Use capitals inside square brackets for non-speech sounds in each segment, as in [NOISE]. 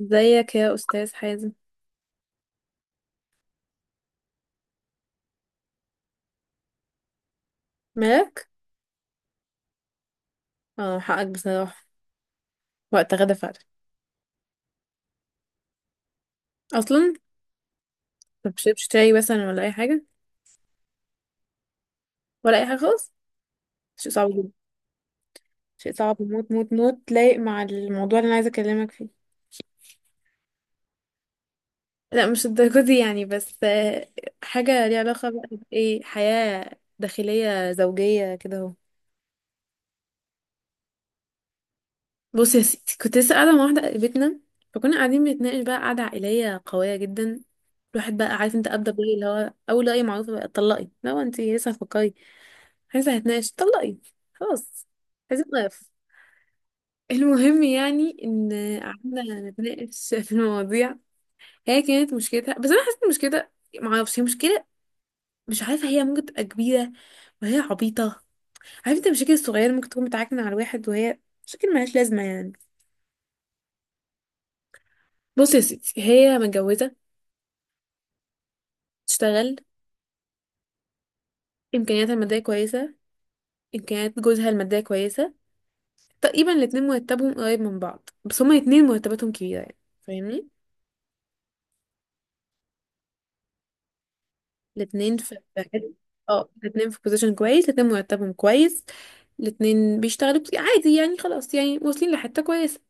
ازيك يا استاذ حازم؟ مالك؟ اه، حقك بصراحه. وقت غدا فعلا. اصلا ما بتشربش شاي مثلا ولا اي حاجه؟ ولا اي حاجه خالص؟ شيء صعب جدا. شيء صعب موت موت موت، لايق مع الموضوع اللي انا عايزه اكلمك فيه. لا مش الدرجه دي يعني، بس آه، حاجه ليها علاقه بقى بايه، حياه داخليه زوجيه كده اهو. بص يا ستي، كنت لسه قاعدة مع واحدة قريبتنا، فكنا قاعدين بنتناقش بقى قعدة عائلية قوية جدا. الواحد بقى عارف انت أبدأ بيه، اللي هو أول رأي معروفة بقى، اتطلقي لو انت لسه هتفكري. عايزة هتناقش؟ اتطلقي. خلاص، عايزة نقف. [LAUGHS] المهم يعني ان قعدنا نتناقش في المواضيع. هي كانت مشكلتها، بس انا حسيت إن مشكلتها، معرفش هي مشكلة، مش عارفة هي ممكن تبقى كبيرة وهي عبيطة. عارفة انت المشاكل الصغيرة ممكن تكون بتعكن على الواحد وهي مشاكل ملهاش لازمة يعني. بص يا ستي، هي متجوزة، تشتغل، امكانياتها الماديه كويسه، امكانيات جوزها الماديه كويسه. تقريبا الاتنين مرتبهم قريب من بعض، بس هما الاتنين مرتباتهم كبيره يعني، فاهمني؟ الاتنين في في حتة- اه، الاتنين في بوزيشن كويس، الاتنين مرتبهم كويس، الاتنين بيشتغلوا بس- عادي يعني، خلاص يعني، واصلين لحته كويسه.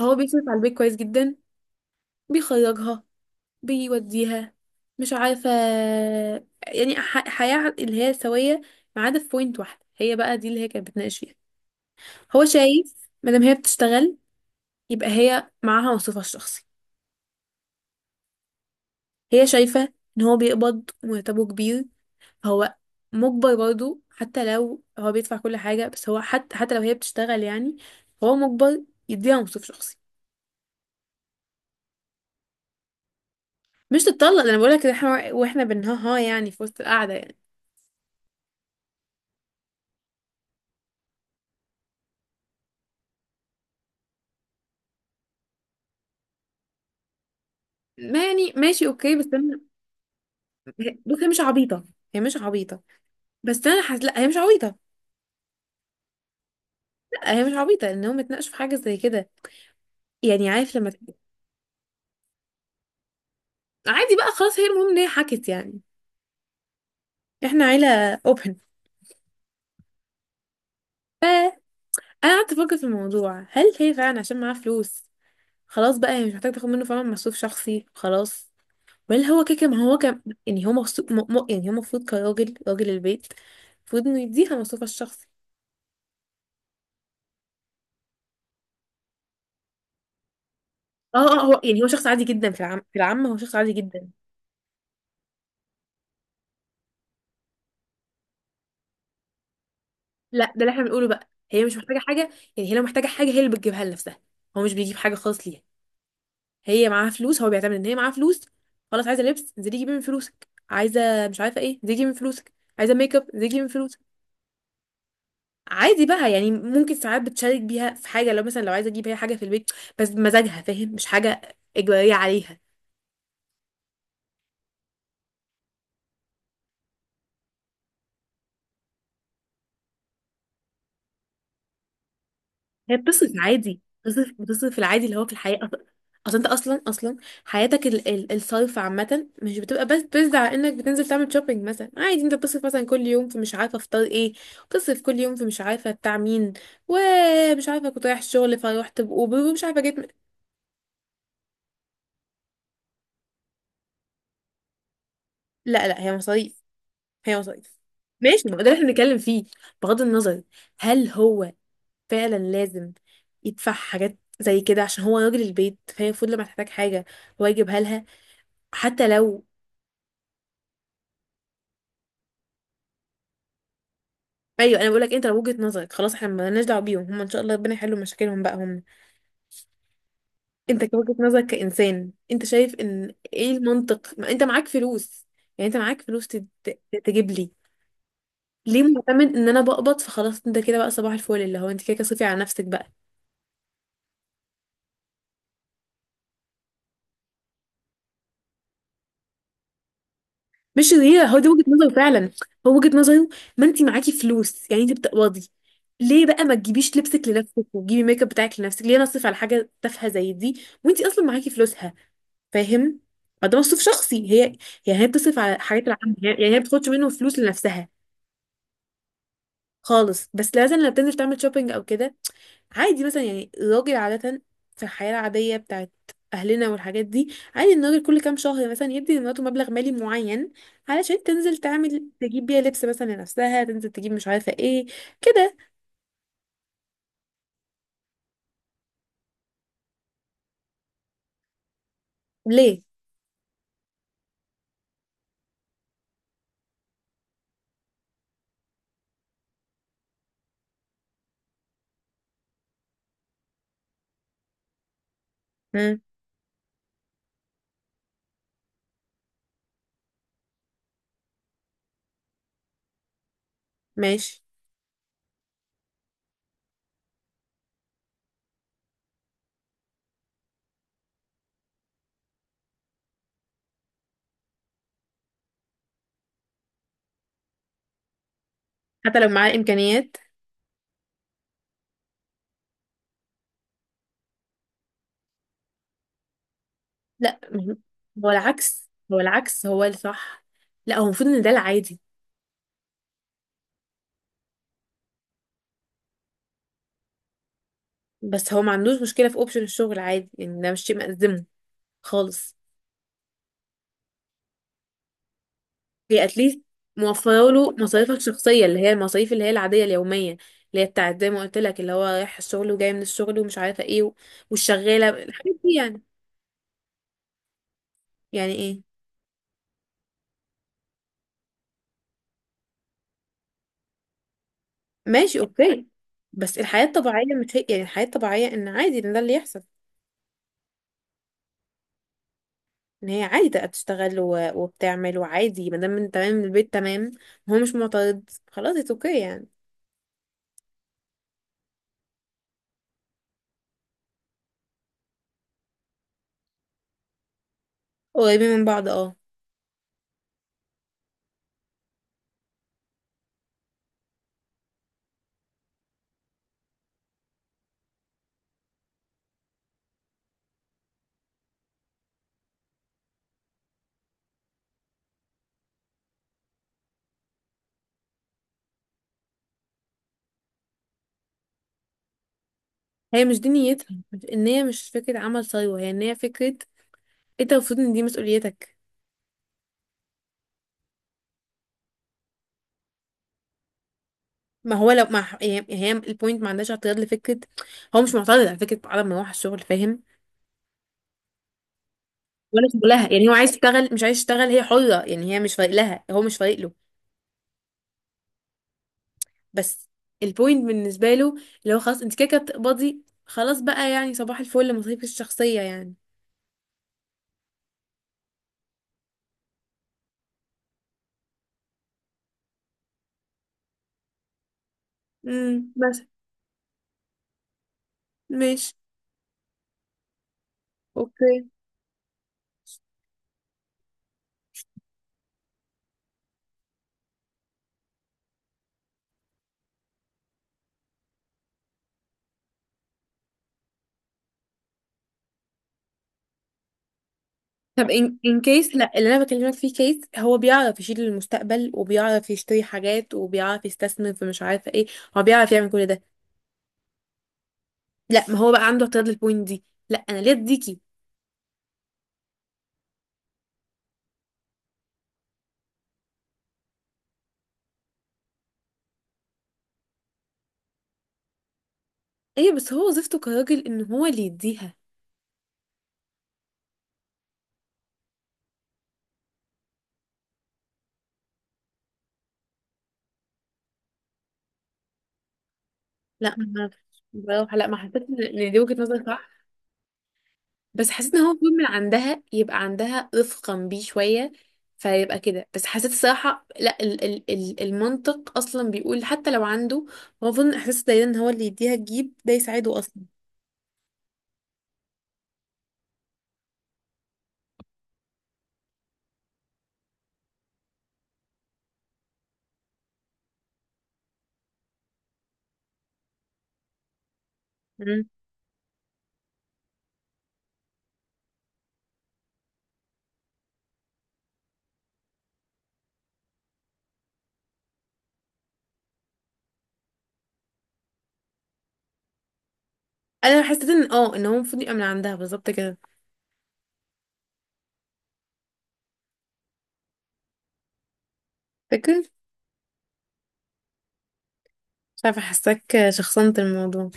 هو بيصرف على البيت كويس جدا، بيخرجها، بيوديها، مش عارفه، يعني حياه اللي هي سويه. ما عدا في بوينت واحده، هي بقى دي اللي هي كانت بتناقش فيها. هو شايف مادام هي بتشتغل، يبقى هي معاها موصفها الشخصي. هي شايفة ان هو بيقبض ومرتبه كبير، فهو مجبر برضه. حتى لو هو بيدفع كل حاجة، بس هو حتى لو هي بتشتغل يعني، هو مجبر يديها موصف شخصي. مش تتطلق، ده انا بقولك إن احنا واحنا بنها ها يعني في وسط القعدة يعني. ما يعني ماشي اوكي، بس انا بص، هي مش عبيطة، هي مش عبيطة. بس انا حاسة، لا هي مش عبيطة. لا هي مش عبيطة ان هم اتناقشوا في حاجة زي كده. يعني عارف لما تبقى-، عادي بقى خلاص، هي المهم ان هي حكت يعني. احنا عيلة اوبن. انا قعدت افكر في الموضوع، هل هي فعلا عشان معاها فلوس خلاص بقى هي مش محتاجه تاخد منه فعلا مصروف شخصي؟ خلاص، ولا هو كده كده-، ما هو كان يعني هو مغصوب يعني هو المفروض كراجل، راجل البيت المفروض انه يديها مصروفها الشخصي. اه اه، هو يعني هو شخص عادي جدا في العامة، هو شخص عادي جدا. لا ده اللي احنا بنقوله بقى، هي مش محتاجه حاجه. يعني هي لو محتاجه حاجه، هي اللي بتجيبها لنفسها. هو مش بيجيب حاجه خالص ليها. هي معاها فلوس، هو بيعتمد ان هي معاها فلوس. خلاص عايزه لبس، انزلي جيبي من فلوسك، عايزه مش عارفه ايه، انزلي جيبي من فلوسك، عايزه ميك اب، انزلي جيبي من فلوسك. عادي بقى يعني، ممكن ساعات بتشارك بيها في حاجة، لو مثلا لو عايزة اجيب هي حاجة في البيت، بس بمزاجها، فاهم؟ مش حاجة إجبارية عليها. هي بتصرف عادي، بتصرف العادي اللي هو في الحياة. أصلا، أصلا انت اصلا حياتك ال الصرف عامة مش بتبقى بس على انك بتنزل تعمل شوبينج مثلا. عادي انت بتصرف مثلا كل يوم في مش عارفة افطار ايه، بتصرف كل يوم في مش عارفة بتاع مين، ومش عارفة كنت رايح الشغل فروحت بأوبر، ومش عارفة جيت لا لا، هي مصاريف، هي وظائف. ماشي، ما هو ده اللي احنا بنتكلم فيه. بغض النظر، هل هو فعلا لازم يدفع حاجات زي كده عشان هو راجل البيت، فهي المفروض لما تحتاج حاجه هو يجيبها لها، حتى لو. ايوه انا بقول لك، انت لو وجهه نظرك خلاص، احنا مالناش دعوه بيهم، هم ان شاء الله ربنا يحلوا مشاكلهم بقى هم. انت كوجهه نظرك كانسان، انت شايف ان ايه المنطق؟ ما انت معاك فلوس، يعني انت معاك فلوس تجيب لي. ليه معتمد ان انا بقبض فخلاص انت كده بقى صباح الفل، اللي هو انت كده كده صرفي على نفسك بقى. مش هي، هو دي وجهة نظره فعلا. هو وجهة نظره، ما انت معاكي فلوس يعني، انت بتقبضي، ليه بقى ما تجيبيش لبسك لنفسك، وتجيبي ميك اب بتاعك لنفسك؟ ليه انا اصرف على حاجة تافهة زي دي وانت اصلا معاكي فلوسها؟ فاهم؟ فده مصروف شخصي هي، يعني هي بتصرف على حاجات العامة، يعني هي ما بتاخدش منه فلوس لنفسها خالص، بس لازم لما بتنزل تعمل شوبينج او كده. عادي مثلا، يعني الراجل عادة في الحياة العادية بتاعت أهلنا والحاجات دي، عادي إن الراجل كل كام شهر مثلا يدي لمراته مبلغ مالي معين علشان تنزل تعمل تجيب بيها لبس مثلا لنفسها، تنزل تجيب مش عارفة ايه كده. ليه؟ مم. ماشي. حتى لو معاه إمكانيات. لا مهم. هو العكس، هو العكس هو الصح. لا هو المفروض إن ده العادي. بس هو ما عندوش مشكلة في أوبشن الشغل، عادي يعني، ده مش شيء مأزمه خالص. هي اتليست موفره له مصاريفك الشخصيه، اللي هي المصاريف اللي هي العاديه اليوميه، اللي هي بتاعت زي ما قلت لك، اللي هو رايح الشغل وجاي من الشغل ومش عارفه ايه والشغاله، الحاجات دي يعني. يعني ايه؟ ماشي اوكي، بس الحياه الطبيعيه مش هي يعني، الحياه الطبيعيه ان عادي ان ده اللي يحصل. ان هي عادي تبقى بتشتغل وبتعمل، وعادي. ما دام انت تمام، من البيت تمام، هو مش معترض، خلاص اتس اوكي يعني. قريبين من بعض اه. هي مش دي نيتها، ان هي مش فكره عمل ثروه، هي ان هي فكره إيه، انت المفروض ان دي مسؤوليتك. ما هو لو ما هي، هي البوينت، ما عندهاش اعتراض لفكره، هو مش معترض على فكره عدم مروح الشغل، فاهم؟ ولا شغلها يعني، هو عايز يشتغل مش عايز يشتغل، هي حره يعني، هي مش فارق لها، هو مش فارق له. بس البوينت بالنسبه له، اللي هو خلاص انت كده كده بتقبضي، خلاص بقى يعني، صباح الفل، مصاريفك الشخصيه يعني. امم، مثلا. ماشي اوكي. طب ان كيس، لا اللي انا بكلمك فيه كيس هو بيعرف يشيل المستقبل، وبيعرف يشتري حاجات، وبيعرف يستثمر في مش عارفه ايه، هو بيعرف يعمل كل ده. لا ما هو بقى عنده اعتراض للبوينت دي، لا انا ليه اديكي. ايوه بس هو وظيفته كراجل ان هو اللي يديها. لا ما بصراحه، لا ما حسيت ان إن دي وجهه نظر صح، بس حسيت ان هو المفروض من عندها يبقى عندها رفقا بيه شويه، فيبقى كده. بس حسيت الصراحه لا، ال المنطق اصلا بيقول حتى لو عنده، هو المفروض إن احساس دايما ان هو اللي يديها تجيب ده يساعده اصلا. مم. انا حسيت ان اه ان هو المفروض يبقى من عندها بالظبط كده. فاكر؟ مش عارفه، حاساك شخصنت الموضوع.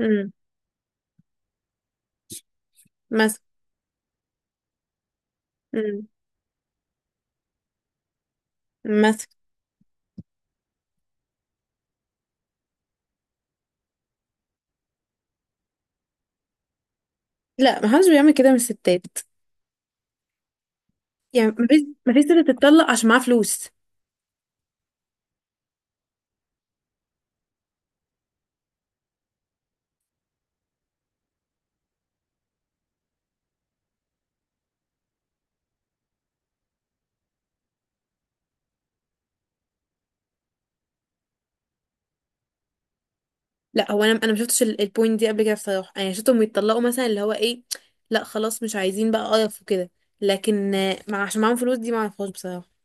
امم، مثلا. امم، مثلا. لا محدش بيعمل كده من الستات، يعني مفيش، مفيش ست تتطلق عشان معاها فلوس. لا هو انا، انا ما شفتش البوينت دي قبل كده بصراحه، انا شفتهم يتطلقوا مثلا، اللي هو ايه، لا خلاص مش عايزين بقى قرف وكده، لكن آه، مع عشان معاهم فلوس دي ما اعرفهاش بصراحه.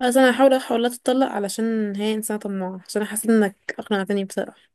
اصلا انا هحاول، لا تتطلق، علشان هي انسانه طماعه، عشان انا حاسه انك اقنعتني بصراحه.